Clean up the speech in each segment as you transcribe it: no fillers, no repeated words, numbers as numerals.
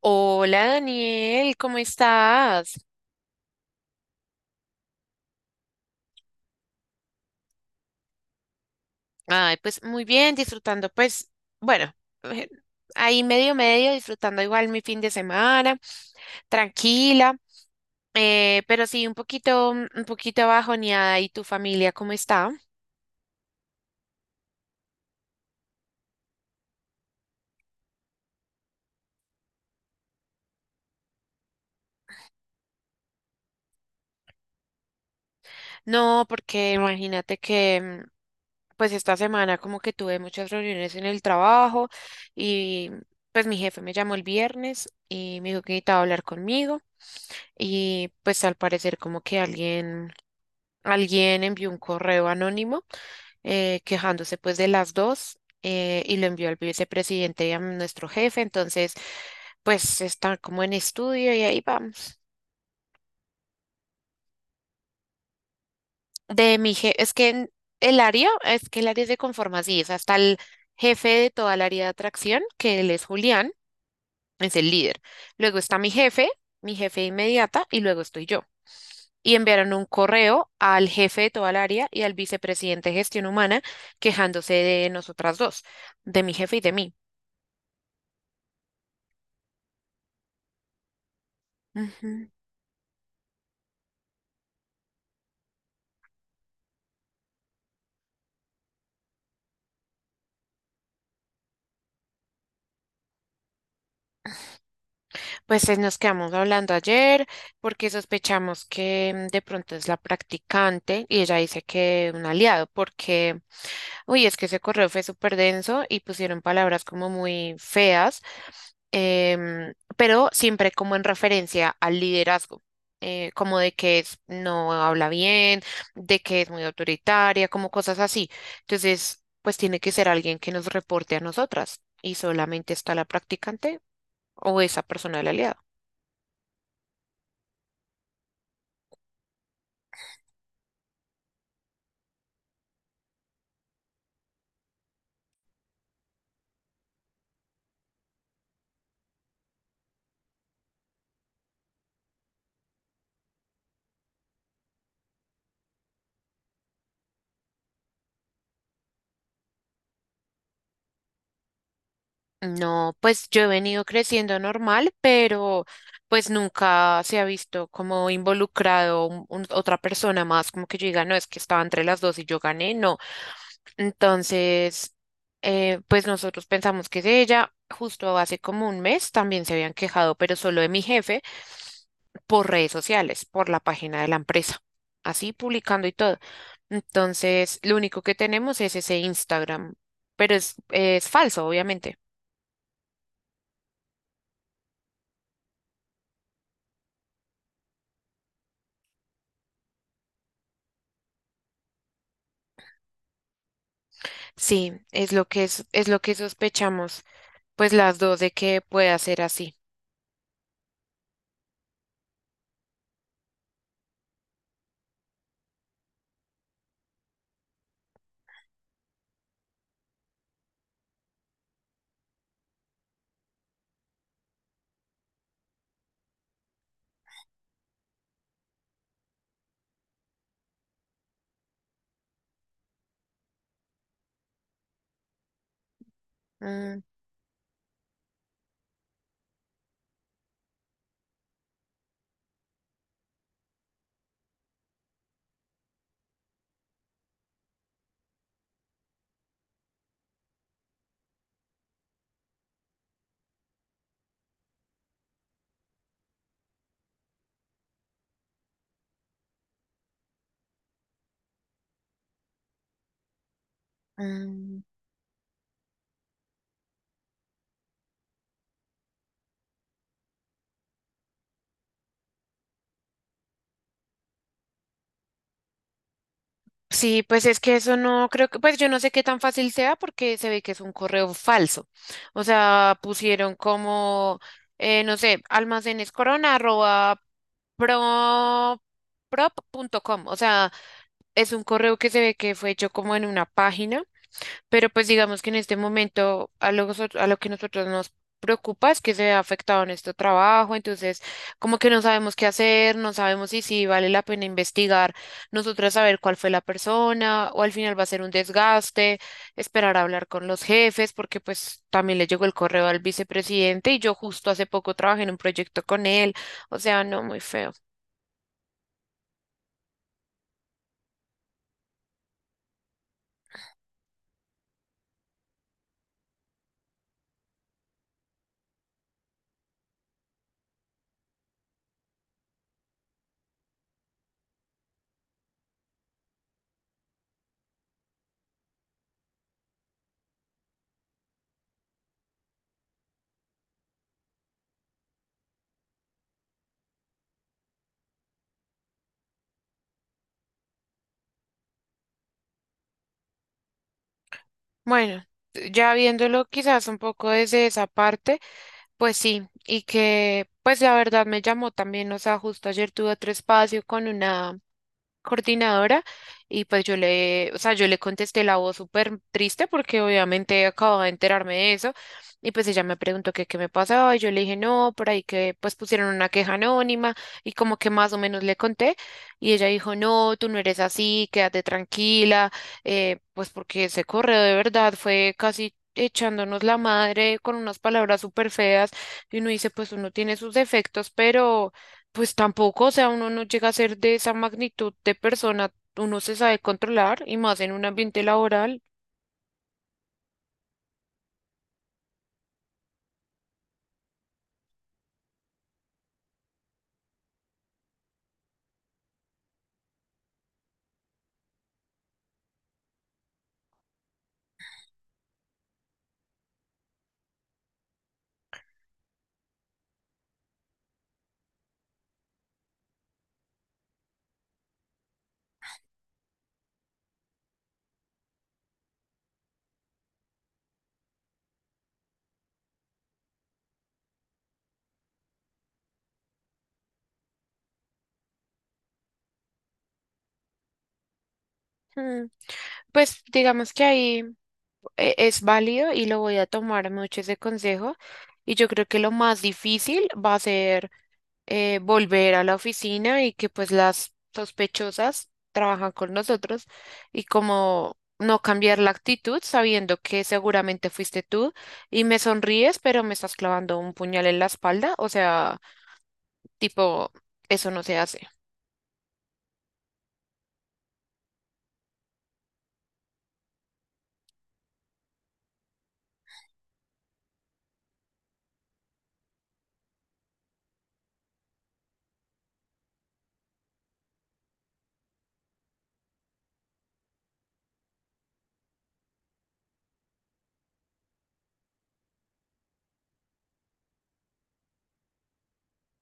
Hola Daniel, ¿cómo estás? Ay, pues muy bien, disfrutando, pues, bueno, eh, ahí medio medio, disfrutando igual mi fin de semana, tranquila, pero sí un poquito bajoneada. ¿Y tu familia cómo está? No, porque imagínate que pues esta semana como que tuve muchas reuniones en el trabajo, y pues mi jefe me llamó el viernes y me dijo que necesitaba hablar conmigo. Y pues al parecer como que alguien envió un correo anónimo, quejándose pues de las dos, y lo envió al vicepresidente y a nuestro jefe. Entonces pues está como en estudio y ahí va. De mi jefe. Es que el área, es que el área se conforma así, es hasta el jefe de toda el área de atracción, que él es Julián, es el líder. Luego está mi jefe inmediata, y luego estoy yo. Y enviaron un correo al jefe de toda el área y al vicepresidente de gestión humana, quejándose de nosotras dos, de mi jefe y de mí. Ujú. Pues nos quedamos hablando ayer porque sospechamos que de pronto es la practicante, y ella dice que un aliado. Porque uy, es que ese correo fue súper denso y pusieron palabras como muy feas, pero siempre como en referencia al liderazgo, como de que no habla bien, de que es muy autoritaria, como cosas así. Entonces, pues tiene que ser alguien que nos reporte a nosotras, y solamente está la practicante o esa persona de la alianza. No, pues yo he venido creciendo normal, pero pues nunca se ha visto como involucrado otra persona más, como que yo diga, no, es que estaba entre las dos y yo gané, no. Entonces, pues nosotros pensamos que es ella. Justo hace como un mes también se habían quejado, pero solo de mi jefe, por redes sociales, por la página de la empresa, así publicando y todo. Entonces, lo único que tenemos es ese Instagram, pero es falso, obviamente. Sí, es lo que sospechamos, pues las dos, de que pueda ser así. Mm, mm. Sí, pues es que eso no creo que, pues yo no sé qué tan fácil sea porque se ve que es un correo falso. O sea, pusieron como, no sé, almacenes corona arroba pro, prop punto com. O sea, es un correo que se ve que fue hecho como en una página. Pero pues digamos que en este momento a lo, a lo que nosotros nos preocupa es que se ha afectado nuestro trabajo. Entonces como que no sabemos qué hacer, no sabemos si, si vale la pena investigar, nosotras saber cuál fue la persona, o al final va a ser un desgaste esperar a hablar con los jefes, porque pues también le llegó el correo al vicepresidente, y yo justo hace poco trabajé en un proyecto con él. O sea, no, muy feo. Bueno, ya viéndolo quizás un poco desde esa parte. Pues sí, y que pues la verdad me llamó también, o sea, justo ayer tuve otro espacio con una coordinadora, y pues yo le, o sea, yo le contesté la voz súper triste porque obviamente acababa de enterarme de eso, y pues ella me preguntó que qué me pasaba, y yo le dije no, por ahí que pues pusieron una queja anónima, y como que más o menos le conté. Y ella dijo no, tú no eres así, quédate tranquila, pues porque ese correo de verdad fue casi... echándonos la madre con unas palabras súper feas. Y uno dice pues uno tiene sus defectos, pero pues tampoco, o sea, uno no llega a ser de esa magnitud de persona, uno se sabe controlar y más en un ambiente laboral. Mm. Pues digamos que ahí es válido y lo voy a tomar mucho ese consejo. Y yo creo que lo más difícil va a ser volver a la oficina, y que pues las sospechosas trabajan con nosotros, y como no cambiar la actitud sabiendo que seguramente fuiste tú y me sonríes, pero me estás clavando un puñal en la espalda, o sea... Tipo, eso no se hace.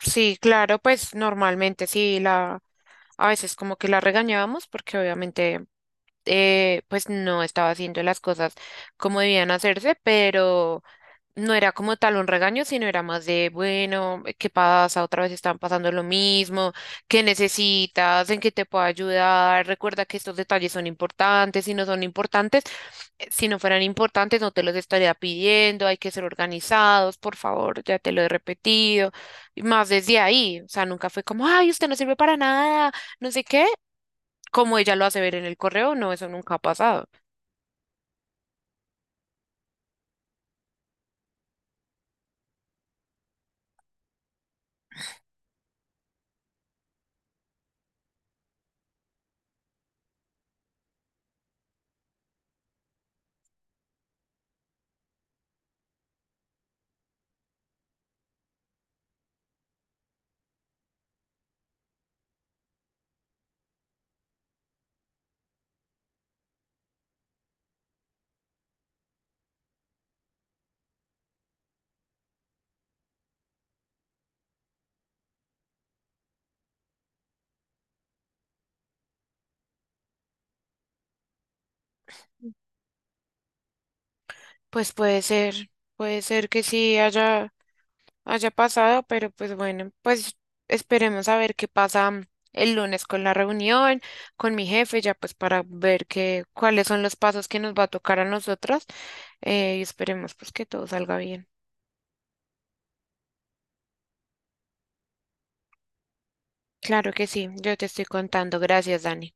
Sí, claro, pues normalmente sí, la, a veces como que la regañábamos porque obviamente pues no estaba haciendo las cosas como debían hacerse, pero... No era como tal un regaño, sino era más de, bueno, ¿qué pasa? Otra vez están pasando lo mismo, ¿qué necesitas? ¿En qué te puedo ayudar? Recuerda que estos detalles son importantes, si no son importantes, si no fueran importantes, no te los estaría pidiendo, hay que ser organizados, por favor, ya te lo he repetido. Y más desde ahí, o sea, nunca fue como, ay, usted no sirve para nada, no sé qué, como ella lo hace ver en el correo, no, eso nunca ha pasado. Pues puede ser que sí haya. Haya pasado, pero pues bueno, pues esperemos a ver qué pasa el lunes con la reunión, con mi jefe. Ya pues para ver qué, cuáles son los pasos que nos va a tocar a nosotros, y esperemos pues que todo salga bien. Claro que sí, yo te estoy contando. Gracias, Dani.